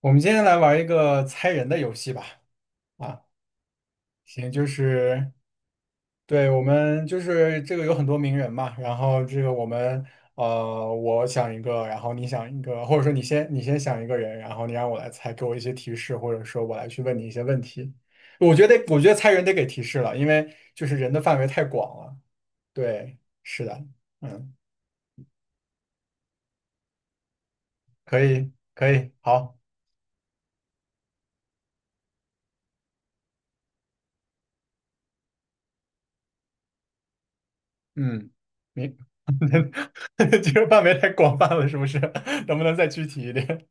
我们今天来玩一个猜人的游戏吧。啊，行，就是对，我们就是这个有很多名人嘛，然后这个我们我想一个，然后你想一个，或者说你先想一个人，然后你让我来猜，给我一些提示，或者说我来去问你一些问题。我觉得猜人得给提示了，因为就是人的范围太广了。对，是的。嗯，可以可以，好。嗯，明，这个范围太广泛了，是不是？能不能再具体一点？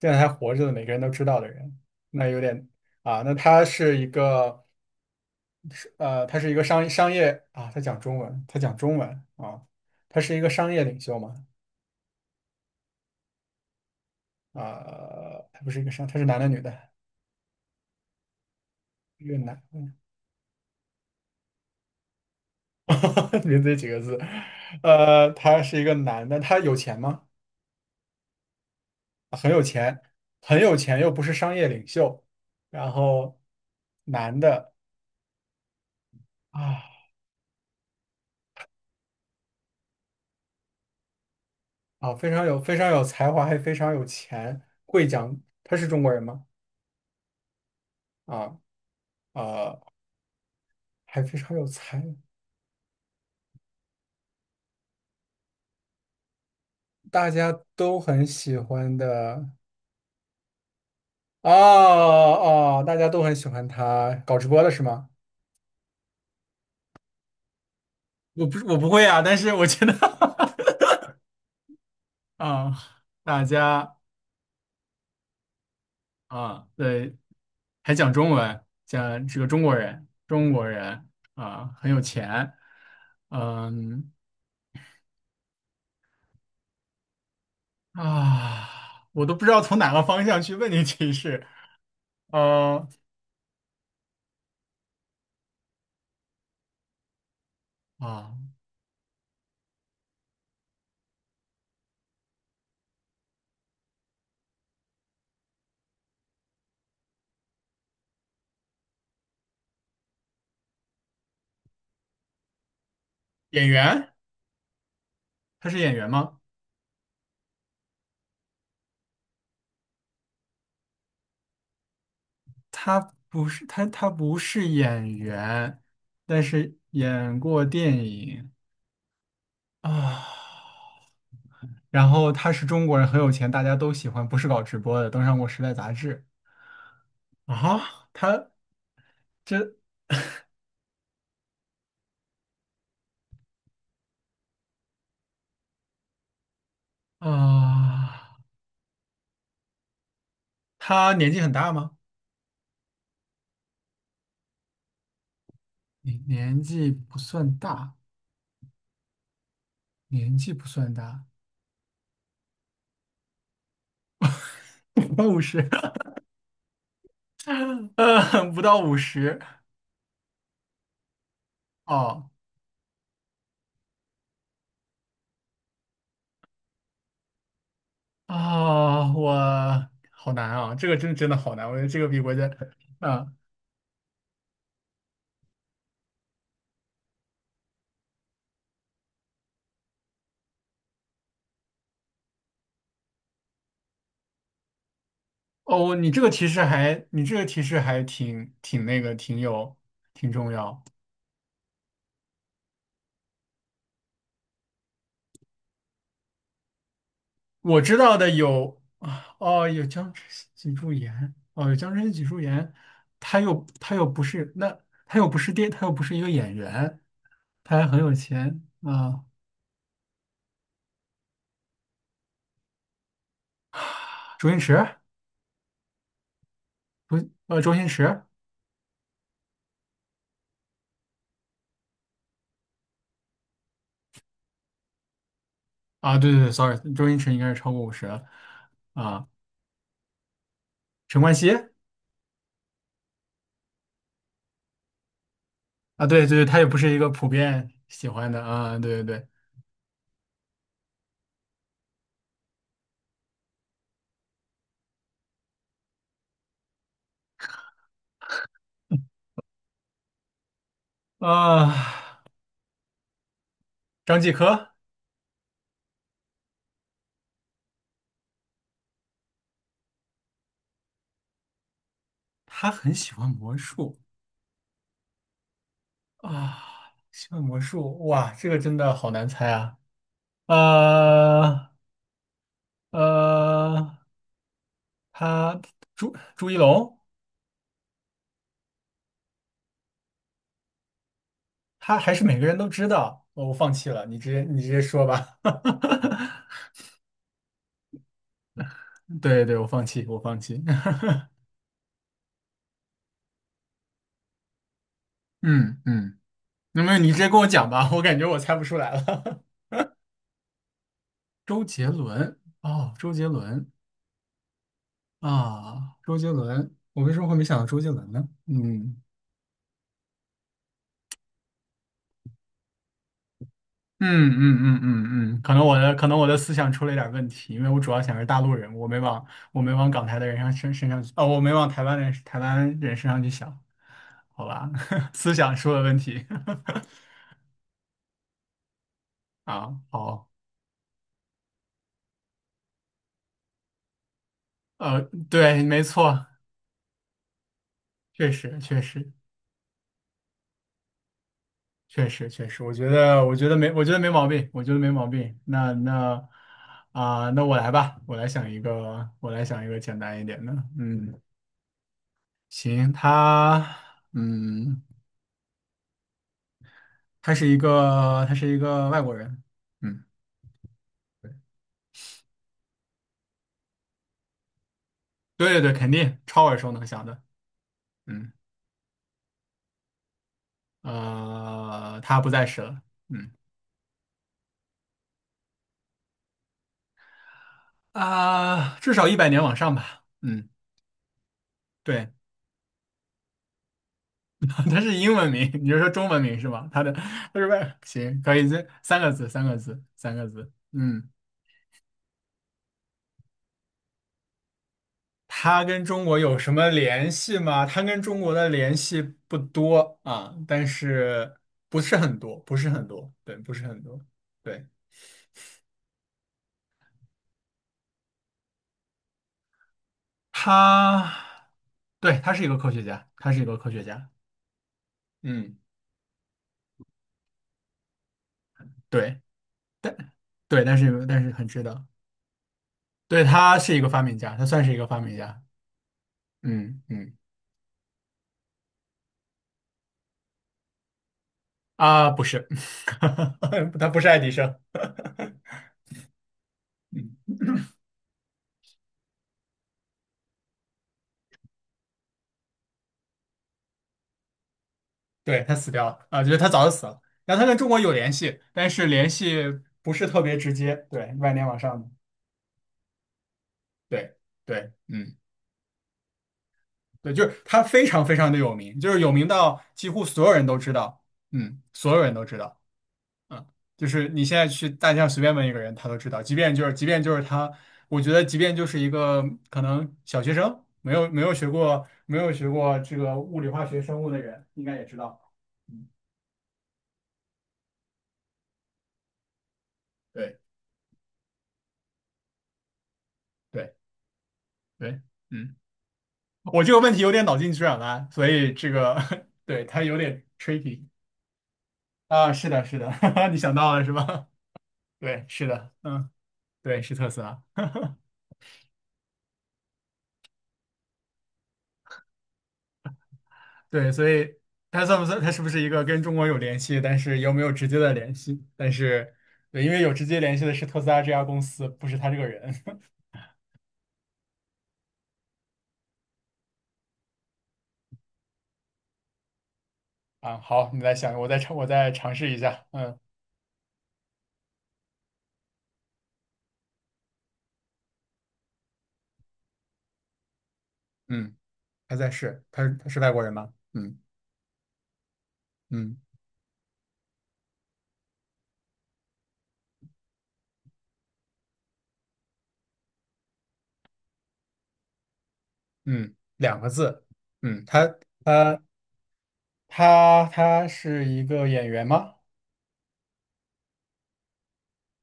现在还活着的，每个人都知道的人，那有点啊。那他是一个他是一个商业啊，他讲中文啊，他是一个商业领袖嘛？啊，他不是一个商，他是男的女的？越南，名字也几个字？呃，他是一个男的，他有钱吗？很有钱，很有钱又不是商业领袖，然后男的啊。啊，非常有，非常有才华，还非常有钱，会讲他是中国人吗？啊，啊，还非常有才，大家都很喜欢的。哦哦，大家都很喜欢他，搞直播的是吗？我不会啊，但是我觉得 啊，大家啊，对，还讲中文，讲这个中国人，中国人啊，很有钱。嗯，啊，我都不知道从哪个方向去问你提示。呃啊，演员，他是演员吗？他不是，他不是演员，但是演过电影啊。然后他是中国人，很有钱，大家都喜欢，不是搞直播的，登上过《时代》杂志啊。他这，啊，他年纪很大吗？你年纪不算大，年纪不算大，不到五十，不到五十。哦，啊，我好难啊，这个真的好难，我觉得这个比国家啊，哦，你这个提示还，你这个提示还挺那个，挺有，挺重要。我知道的有啊，哦，有僵直性脊柱炎，哦，有僵直性脊柱炎。他不是那，他不是电，他又不是一个演员，他还很有钱啊。周星驰，周星驰。啊，对对对，sorry，周星驰应该是超过50了。陈冠希。啊，对对对，他也不是一个普遍喜欢的啊，对对对。啊，张继科。他很喜欢魔术。啊，喜欢魔术，哇，这个真的好难猜啊。呃呃，他朱一龙，他还是每个人都知道，哦，我放弃了，你直接说吧。对对，我放弃，我放弃。嗯嗯。那么你直接跟我讲吧，我感觉我猜不出来了。周杰伦，哦，周杰伦，啊，周杰伦，我为什么会没想到周杰伦呢？嗯嗯，可能我的思想出了一点问题，因为我主要想是大陆人，我没往港台的人身上去，哦，我没往台湾人身上去想。好吧，思想出了问题。 啊，好，呃，对，没错，确实确实，确实，确实。我觉得，我觉得没，我觉得没毛病，我觉得没毛病。那那，啊、那我来吧，我来想一个，我来想一个简单一点的。嗯，行，他，嗯，他是一个，他是一个外国人。嗯，对对对，肯定超耳熟能详的。嗯，他不在世了。嗯，啊、至少100年往上吧。嗯，对。它是英文名，你就说中文名是吧？它的，它是外行，可以，这三个字，三个字，三个字。嗯，它跟中国有什么联系吗？它跟中国的联系不多啊，但是，不是很多，不是很多，对，不是很多。对，他，对，他是一个科学家，他是一个科学家。嗯，对，但，对，但是很值得。对，他是一个发明家，他算是一个发明家。嗯嗯。啊，不是，他不是爱迪生。嗯，对，他死掉了啊，就是他早就死了。然后他跟中国有联系，但是联系不是特别直接，对，万年往上的。对，对，嗯，对，就是他非常非常的有名，就是有名到几乎所有人都知道。嗯，所有人都知道。嗯，就是你现在去大街上随便问一个人，他都知道。即便就是，即便就是他，我觉得即便就是一个可能小学生，没有学过这个物理、化学、生物的人，应该也知道。嗯，对对对，嗯，我这个问题有点脑筋急转弯，所以这个 对他有点 tricky。 啊，是的，是的。你想到了是吧？对，是的，嗯，对，是特斯拉。对，所以他算不算？他是不是一个跟中国有联系，但是又没有直接的联系？但是，对，因为有直接联系的是特斯拉这家公司，不是他这个人。 啊，好，你再想，我再尝，我再尝试一下。嗯，嗯，他在是，他他是外国人吗？嗯嗯嗯，两个字。嗯，他他是一个演员吗？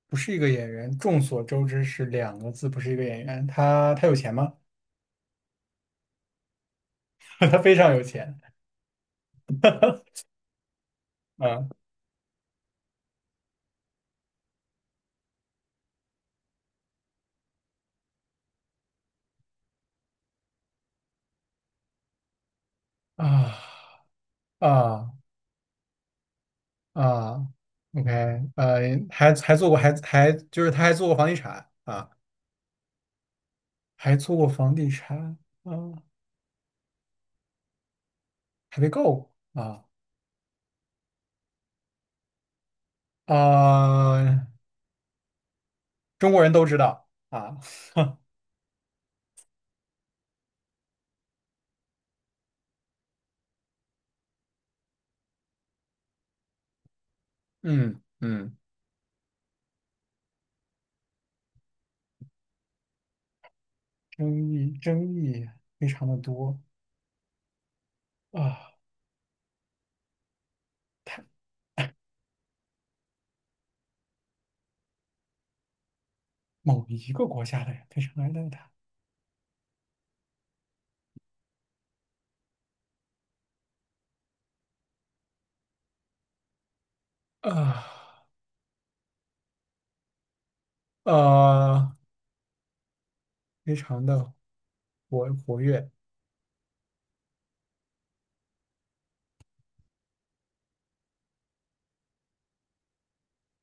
不是一个演员。众所周知是两个字，不是一个演员。他有钱吗？他非常有钱。嗯，啊，啊。啊，OK，呃，还还做过，还还就是他还做过房地产啊，还做过房地产啊，还被告过啊。啊，中国人都知道啊。嗯嗯，争议非常的多啊，他某一个国家的人非常爱戴他。啊，呃，非常的活跃，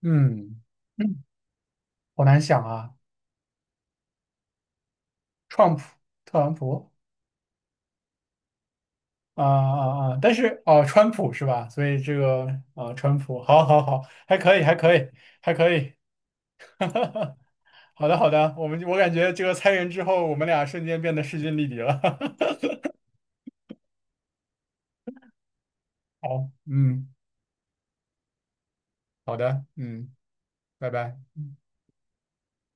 嗯，嗯，好难想啊。川普，特朗普。啊啊啊！但是哦，川普是吧？所以这个啊，川普，好，好，好，还可以，还可以，还可以。好的，好的，我们，我感觉这个参人之后，我们俩瞬间变得势均力敌了。好，嗯，好的，嗯，拜拜。